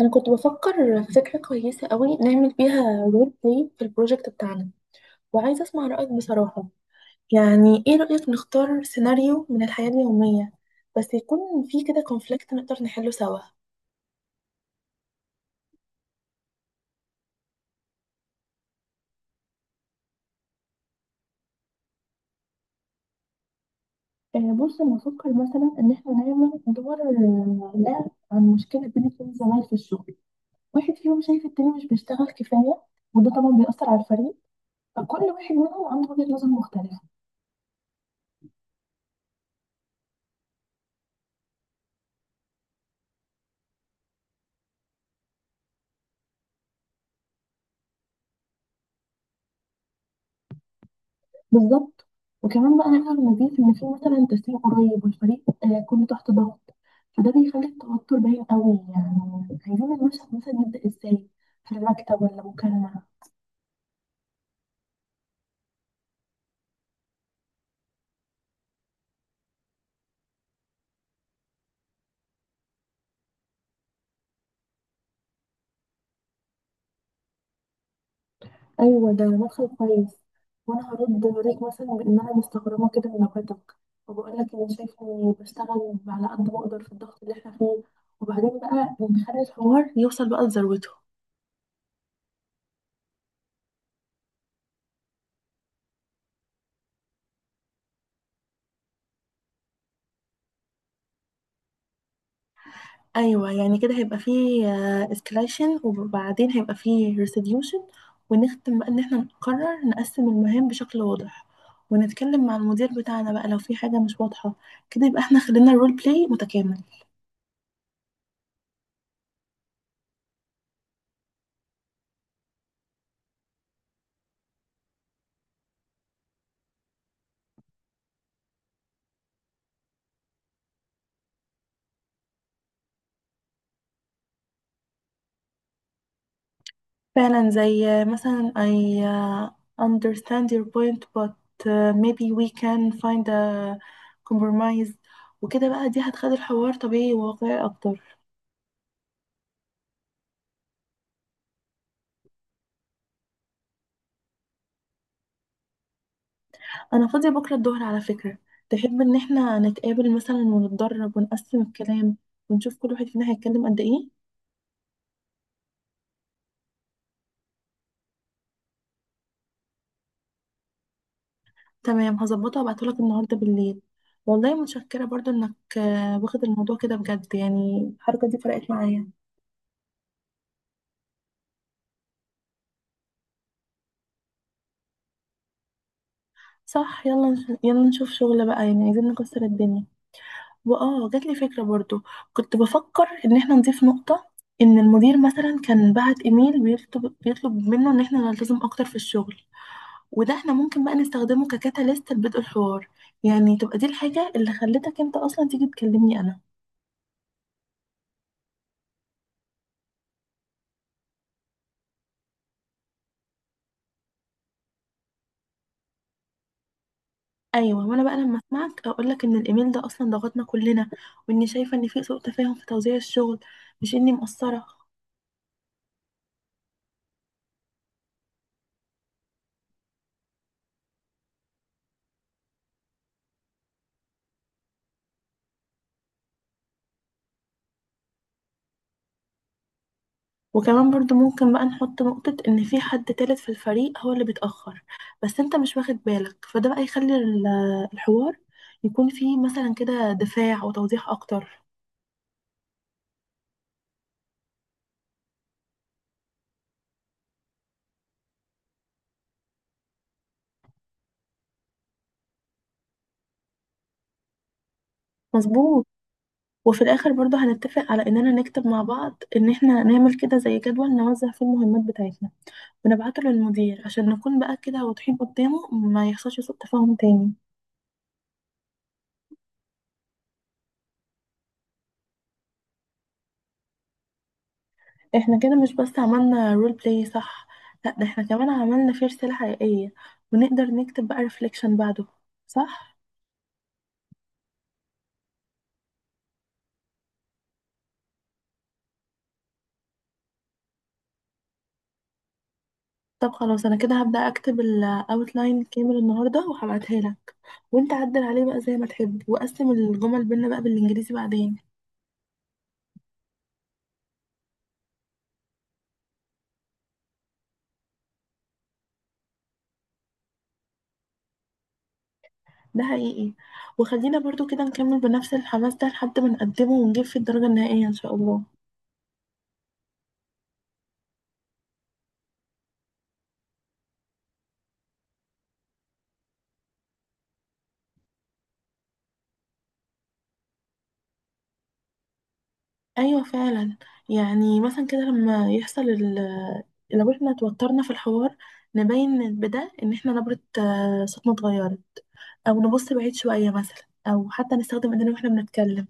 انا كنت بفكر في فكره كويسه قوي نعمل بيها رول بلاي في البروجكت بتاعنا. وعايزه اسمع رايك بصراحه. يعني ايه رايك نختار سيناريو من الحياه اليوميه بس يكون فيه كده كونفليكت نقدر نحله سوا؟ بص، انا بفكر مثلا ان احنا نعمل دور لعب عن مشكله بين اتنين زمايل في الشغل. واحد فيهم شايف التاني مش بيشتغل كفايه، وده طبعا بيأثر على الفريق، فكل واحد منهم عنده وجهه نظر مختلفه. بالظبط. وكمان بقى العالم نظيف ان في مثلا تسليم قريب، والفريق كله تحت ضغط، فده بيخلي التوتر باين قوي. يعني عايزين المشهد مثلا يبدأ ازاي، في المكتب ولا مكالمة؟ ايوه، ده مدخل كويس. وانا هرد عليك مثلا بان انا مستغربة كده من نكتك، وبقول لك اني شايفة اني بشتغل على قد ما اقدر في الضغط اللي احنا فيه. وبعدين بقى نخلي الحوار يوصل بقى لذروته. ايوه، يعني كده هيبقى فيه اسكليشن، وبعدين هيبقى فيه ريسيديوشن. ونختم بقى ان احنا نقرر نقسم المهام بشكل واضح، ونتكلم مع المدير بتاعنا بقى لو في حاجه مش واضحه. كده يبقى احنا خلينا الرول بلاي متكامل. فعلا، زي مثلا I uh, understand your point but maybe we can find a compromise. وكده بقى دي هتخلي الحوار طبيعي وواقعي اكتر. انا فاضيه بكره الظهر على فكره. تحب ان احنا نتقابل مثلا ونتدرب ونقسم الكلام، ونشوف كل واحد فينا هيتكلم قد ايه؟ تمام، هظبطها وابعتهولك النهارده بالليل. والله متشكره برضو انك واخد الموضوع كده بجد، يعني الحركه دي فرقت معايا. صح، يلا نشوف شغل بقى، يعني عايزين نكسر الدنيا. واه جات لي فكره برضو. كنت بفكر ان احنا نضيف نقطه، ان المدير مثلا كان بعت ايميل بيطلب منه ان احنا نلتزم اكتر في الشغل، وده احنا ممكن بقى نستخدمه ككاتاليست لبدء الحوار. يعني تبقى دي الحاجة اللي خلتك انت اصلا تيجي تكلمني انا. ايوه، وانا بقى لما اسمعك اقولك ان الايميل ده اصلا ضغطنا كلنا، واني شايفة ان في سوء تفاهم في توزيع الشغل، مش اني مقصرة. وكمان برضو ممكن بقى نحط نقطة ان في حد تالت في الفريق هو اللي بيتأخر، بس انت مش واخد بالك، فده بقى يخلي الحوار يكون فيه مثلا كده دفاع وتوضيح اكتر. مظبوط. وفي الاخر برضو هنتفق على اننا نكتب مع بعض ان احنا نعمل كده زي جدول نوزع فيه المهمات بتاعتنا، ونبعته للمدير عشان نكون بقى كده واضحين قدامه، ما يحصلش سوء تفاهم تاني. احنا كده مش بس عملنا رول بلاي صح، لا ده احنا كمان عملنا فيه رسالة حقيقية. ونقدر نكتب بقى ريفليكشن بعده، صح؟ طب خلاص، انا كده هبدأ اكتب الاوتلاين كامل النهارده وهبعتها لك. وانت عدل عليه بقى زي ما تحب، وقسم الجمل بينا بقى بالانجليزي بعدين. ده حقيقي. وخلينا برضو كده نكمل بنفس الحماس ده لحد ما نقدمه ونجيب في الدرجة النهائية إن شاء الله. أيوة فعلا. يعني مثلا كده لما يحصل لو احنا اتوترنا في الحوار، نبين بده إن احنا نبرة صوتنا اتغيرت، أو نبص بعيد شوية مثلا، أو حتى نستخدم إيدينا واحنا بنتكلم.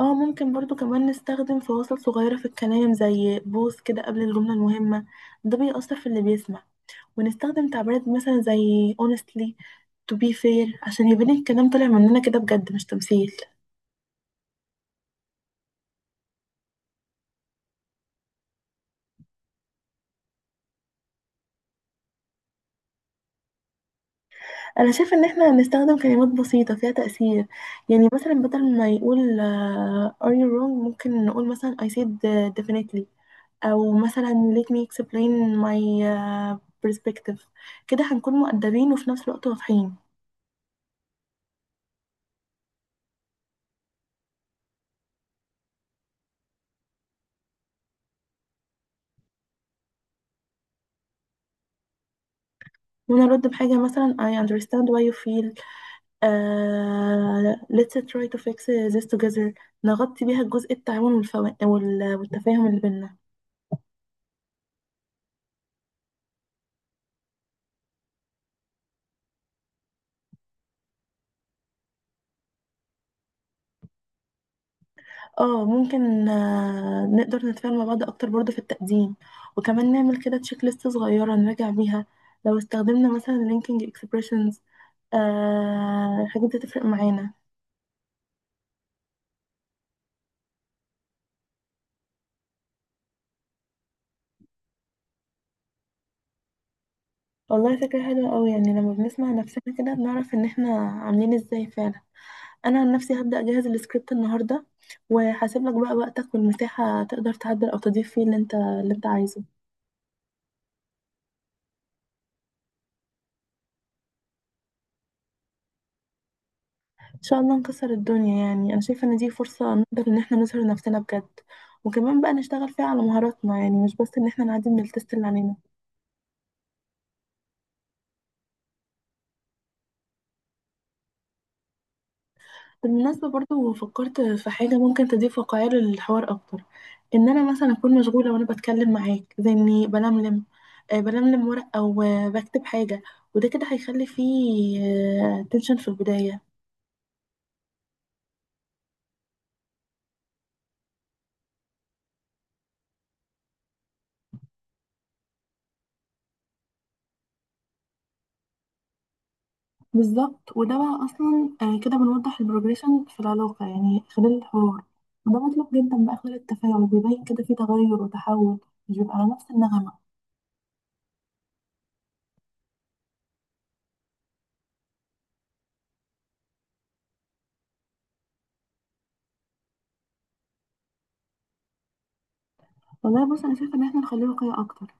اه، ممكن برضو كمان نستخدم فواصل صغيرة في الكلام زي بوز كده قبل الجملة المهمة، ده بيأثر في اللي بيسمع. ونستخدم تعبيرات مثلا زي honestly, to be fair، عشان يبان الكلام طالع مننا كده بجد مش تمثيل. انا شايف ان احنا نستخدم كلمات بسيطة فيها تأثير. يعني مثلا بدل ما يقول are you wrong، ممكن نقول مثلا I said definitely، او مثلا let me explain my perspective. كده هنكون مؤدبين وفي نفس الوقت واضحين. ونرد بحاجة مثلا I understand why you feel let's try to fix this together، نغطي بيها الجزء التعاون والتفاهم اللي بينا. اه، ممكن نقدر نتفاعل مع بعض اكتر برضه في التقديم، وكمان نعمل كده تشيك ليست صغيره نراجع بيها لو استخدمنا مثلا لينكينج اكسبريشنز. الحاجات دي تفرق معانا. والله فكره حلوه قوي. يعني لما بنسمع نفسنا كده بنعرف ان احنا عاملين ازاي فعلا. انا عن نفسي هبدا اجهز السكريبت النهارده، وهسيب لك بقى وقتك والمساحه تقدر تعدل او تضيف فيه اللي انت عايزه. ان شاء الله نكسر الدنيا. يعني انا شايفه ان دي فرصه نقدر ان احنا نظهر نفسنا بجد، وكمان بقى نشتغل فيها على مهاراتنا، يعني مش بس ان احنا نعدي من التست اللي علينا. بالمناسبه، برضو فكرت في حاجه ممكن تضيف واقعيه للحوار اكتر. ان انا مثلا اكون مشغوله وانا بتكلم معاك زي اني بلملم بلملم ورق او بكتب حاجه، وده كده هيخلي فيه تنشن في البدايه. بالظبط. وده بقى اصلا كده بنوضح البروجريشن في العلاقه يعني خلال الحوار. وده مطلوب جدا بقى خلال التفاعل بيبين كده في تغير وتحول، مش بيبقى على نفس النغمه. والله بص، انا شايفه ان احنا نخليه واقعي اكتر.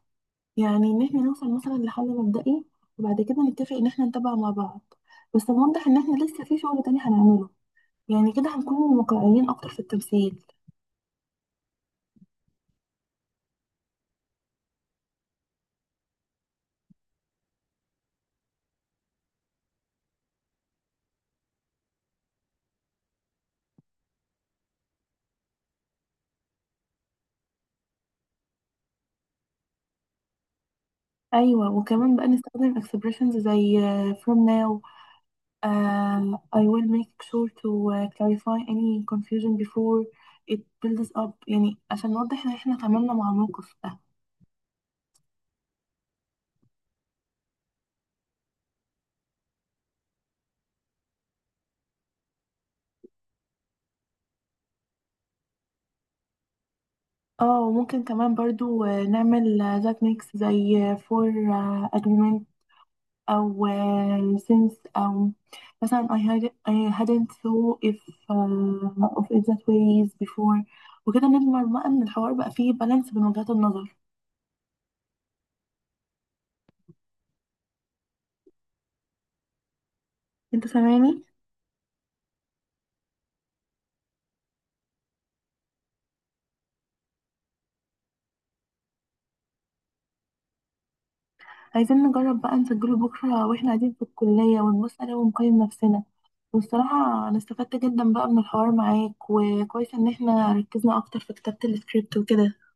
يعني ان احنا نوصل مثلا لحل مبدئي، وبعد كده نتفق ان احنا نتابع مع بعض، بس نوضح ان احنا لسه في شغل تاني هنعمله. يعني كده هنكون واقعيين اكتر في التمثيل. ايوه، وكمان بقى نستخدم expressions زي from now, I will make sure to clarify any confusion before it builds up، يعني عشان نوضح ان احنا تعاملنا مع الموقف ده. اه، ممكن كمان برضو نعمل ذات ميكس زي for agreement، او since، او مثلا I hadn't thought if of it that ways before. وكده نضمن بقى ان الحوار بقى فيه بالانس بين وجهات النظر. انت سامعني؟ عايزين نجرب بقى نسجله بكرة واحنا قاعدين في الكلية، ونبص عليه ونقيم نفسنا. والصراحة أنا استفدت جدا بقى من الحوار معاك، وكويس إن احنا ركزنا أكتر في كتابة السكريبت وكده.